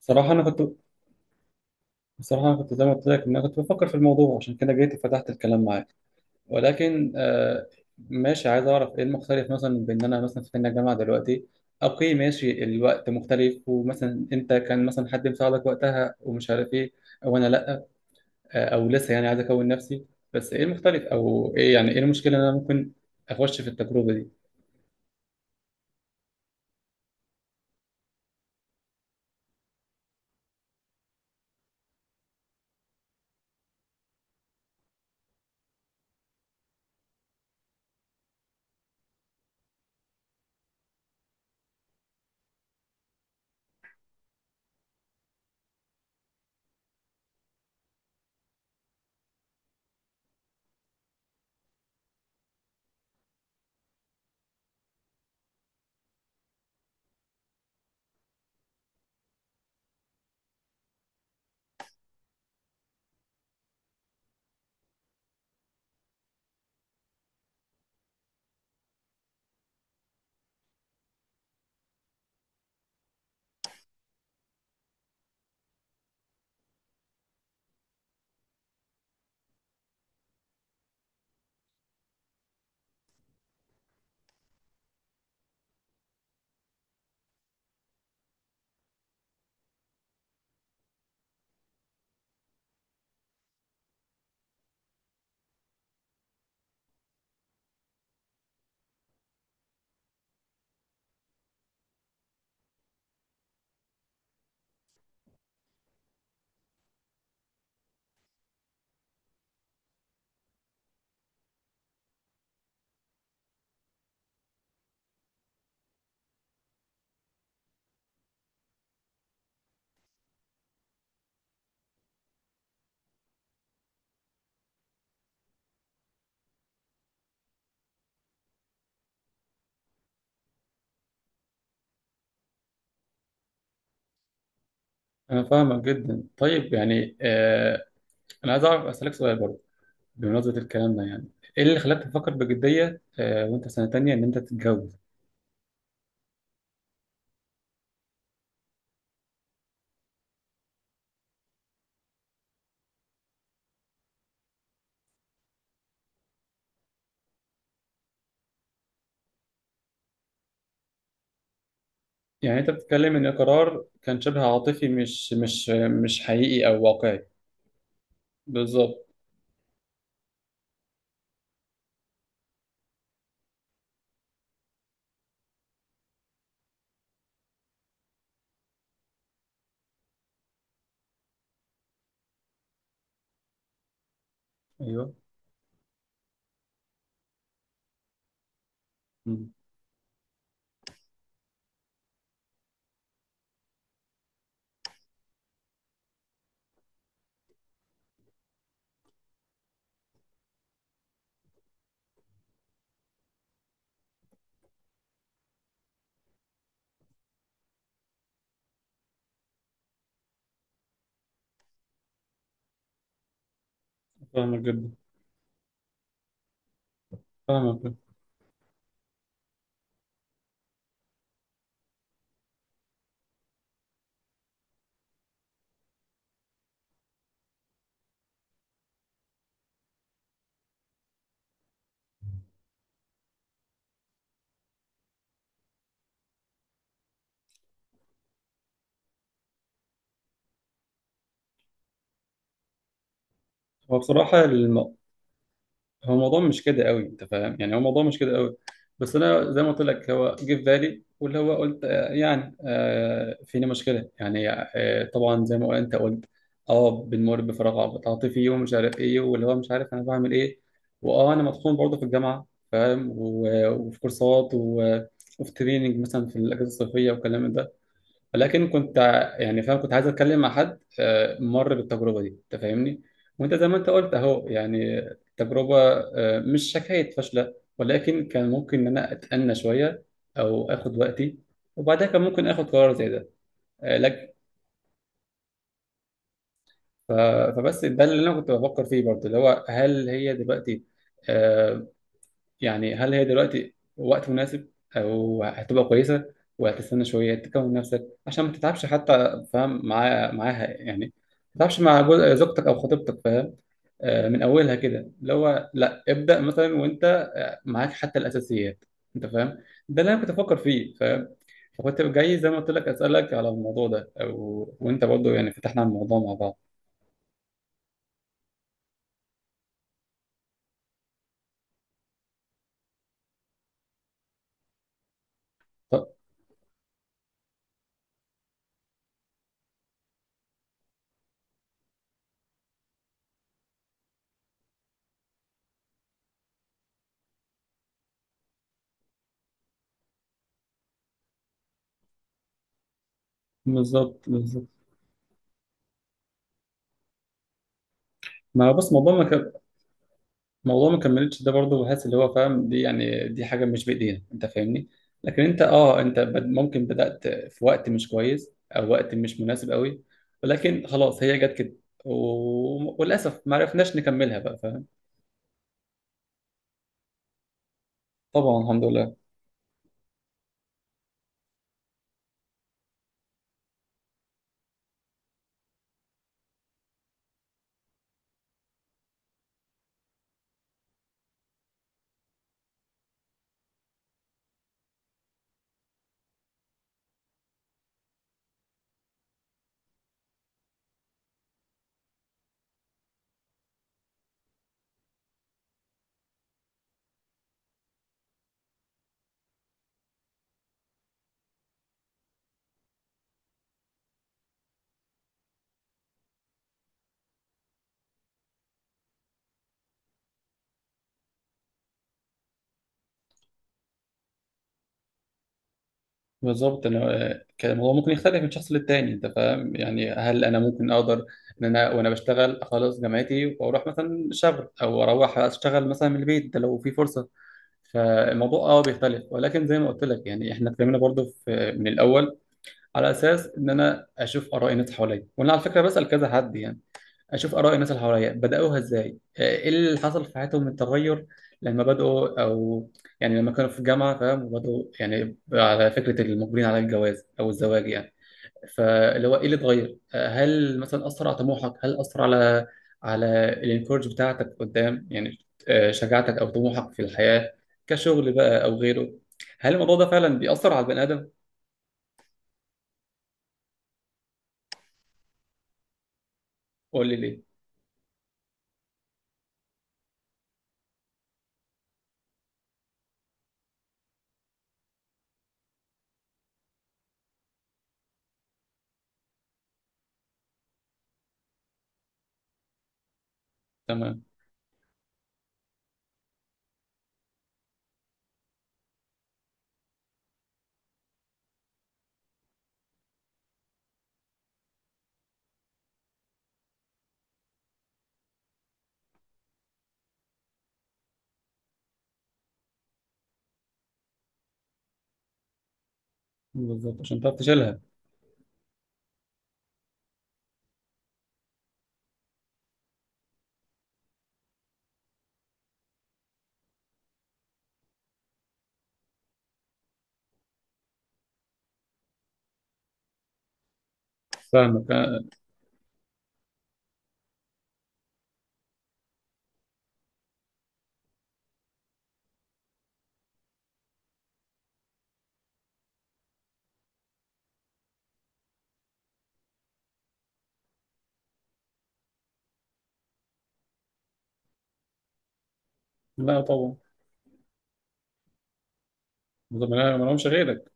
صراحة أنا كنت بصراحة، أنا كنت زي ما قلت لك إن أنا كنت بفكر في الموضوع، عشان كده جيت وفتحت الكلام معاك. ولكن ماشي، عايز أعرف إيه المختلف مثلا بين إن أنا مثلا في سن الجامعة دلوقتي. أوكي ماشي، الوقت مختلف، ومثلا أنت كان مثلا حد مساعدك وقتها ومش عارف إيه، أو أنا لأ. أو لسه يعني عايز أكون نفسي. بس إيه المختلف، أو إيه يعني إيه المشكلة إن أنا ممكن أخش في التجربة دي؟ أنا فاهمك جدا. طيب يعني أنا عايز أعرف، أسألك سؤال برضه بمناسبة الكلام ده. يعني ايه اللي خلاك تفكر بجدية وانت في سنة تانية ان انت تتجوز؟ يعني انت بتتكلم ان القرار كان شبه عاطفي، مش حقيقي او واقعي؟ بالظبط. ايوه. مم. فاهمك جدا. فاهمك جدا. هو بصراحة هو الموضوع مش كده قوي، انت فاهم يعني، هو الموضوع مش كده قوي. بس انا زي ما قلت لك هو جه في بالي، واللي هو قلت يعني فينا مشكله، يعني طبعا زي ما انت قلت. اه بنمر بفراغ عاطفي ومش عارف ايه، واللي هو مش عارف انا بعمل ايه. واه انا مطحون برضه في الجامعه، فاهم، وفي كورسات، وفي تريننج مثلا في الاجازه الصيفيه والكلام ده. لكن كنت يعني فاهم، كنت عايز اتكلم مع حد مر بالتجربه دي، انت فاهمني. وانت زي ما انت قلت اهو، يعني التجربه مش حكايه فاشله، ولكن كان ممكن ان انا اتأنى شويه او اخد وقتي، وبعدها كان ممكن اخد قرار زي ده. آه، لك آه، فبس ده اللي انا كنت بفكر فيه برضه، اللي هو هل هي دلوقتي، آه، يعني هل هي دلوقتي وقت مناسب، او هتبقى كويسه وهتستنى شويه تكون نفسك عشان ما تتعبش حتى، فاهم، معاها معاها يعني ما تتعبش مع زوجتك او خطيبتك، فاهم، من اولها كده، اللي هو لا ابدا مثلا وانت معاك حتى الاساسيات، انت فاهم. ده اللي انا كنت افكر فيه، فاهم. فكنت جاي زي ما قلت لك اسالك على الموضوع ده، او وانت برضه يعني فتحنا على الموضوع مع بعض. طب. بالظبط، بالظبط. ما هو بص، موضوع، موضوع ما كملتش ده برضه بحس اللي هو فاهم، دي يعني دي حاجه مش بايدينا، انت فاهمني. لكن انت ممكن بدات في وقت مش كويس او وقت مش مناسب قوي، ولكن خلاص هي جت كده وللاسف ما عرفناش نكملها بقى، فاهم. طبعا الحمد لله. بالظبط. انا كان الموضوع ممكن يختلف من شخص للتاني، انت فاهم يعني، هل انا ممكن اقدر ان انا وانا بشتغل اخلص جامعتي واروح مثلا شغل، او اروح اشتغل مثلا من البيت ده لو في فرصه؟ فالموضوع بيختلف، ولكن زي ما قلت لك يعني احنا اتكلمنا برضو في من الاول على اساس ان انا اشوف اراء الناس اللي حواليا، وانا على فكره بسال كذا حد يعني، اشوف اراء الناس اللي حواليا بداوها ازاي، ايه اللي حصل في حياتهم من تغير لما بداوا، او يعني لما كانوا في الجامعه، فاهم، وبداوا، يعني على فكره المقبلين على الجواز او الزواج يعني. فاللي هو ايه اللي اتغير؟ هل مثلا اثر على طموحك؟ هل اثر على على الانكورج بتاعتك قدام، يعني شجاعتك او طموحك في الحياه كشغل بقى او غيره؟ هل الموضوع ده فعلا بيأثر على البني ادم؟ قول لي ليه؟ تمام. بالظبط عشان تعرف تشيلها. فاهمك. لا طبعا. بالظبط، ما لهمش غيرك.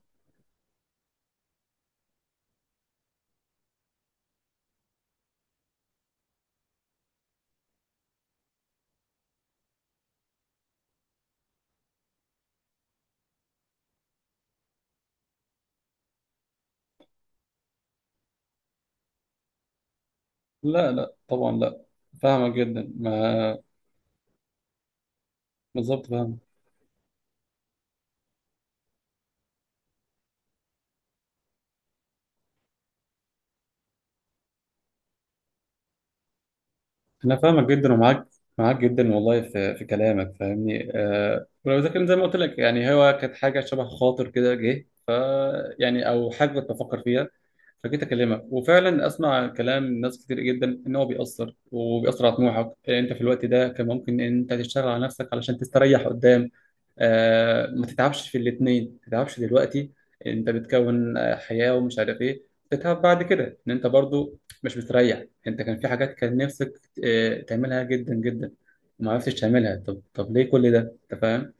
لا لا طبعا لا. فاهمك جدا. ما بالظبط فاهمك. انا فاهمك جدا ومعاك، معاك جدا والله في في كلامك، فاهمني ولو ذاكر زي ما قلت لك يعني هو كانت حاجه شبه خاطر كده جه، يعني او حاجه كنت بفكر فيها. فجيت اكلمك وفعلا اسمع كلام ناس كتير جدا ان هو بيأثر، وبيأثر على طموحك، انت في الوقت ده كان ممكن ان انت تشتغل على نفسك علشان تستريح قدام، ما تتعبش في الاثنين. ما تتعبش دلوقتي، انت بتكون حياة ومش عارف ايه، تتعب بعد كده ان انت برضو مش بتريح. انت كان في حاجات كان نفسك تعملها جدا جدا وما عرفتش تعملها. طب طب ليه كل ده، انت فاهم؟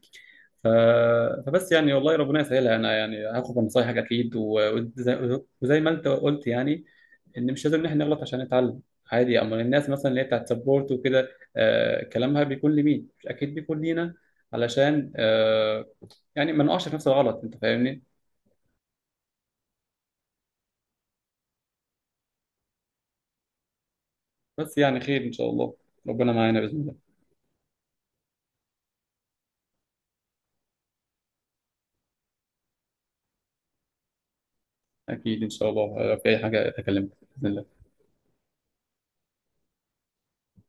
ف... فبس يعني والله ربنا يسهلها. انا يعني هاخد من نصايحك اكيد، وزي ما انت قلت يعني ان مش لازم ان احنا نغلط عشان نتعلم. عادي، اما الناس مثلا اللي هي بتاعت سبورت وكده كلامها بيكون لمين، مش اكيد بيكون لينا، علشان يعني ما نقعش في نفس الغلط، انت فاهمني. بس يعني خير ان شاء الله. ربنا معانا باذن الله. اكيد ان شاء الله، في اي حاجه اكلمك باذن الله.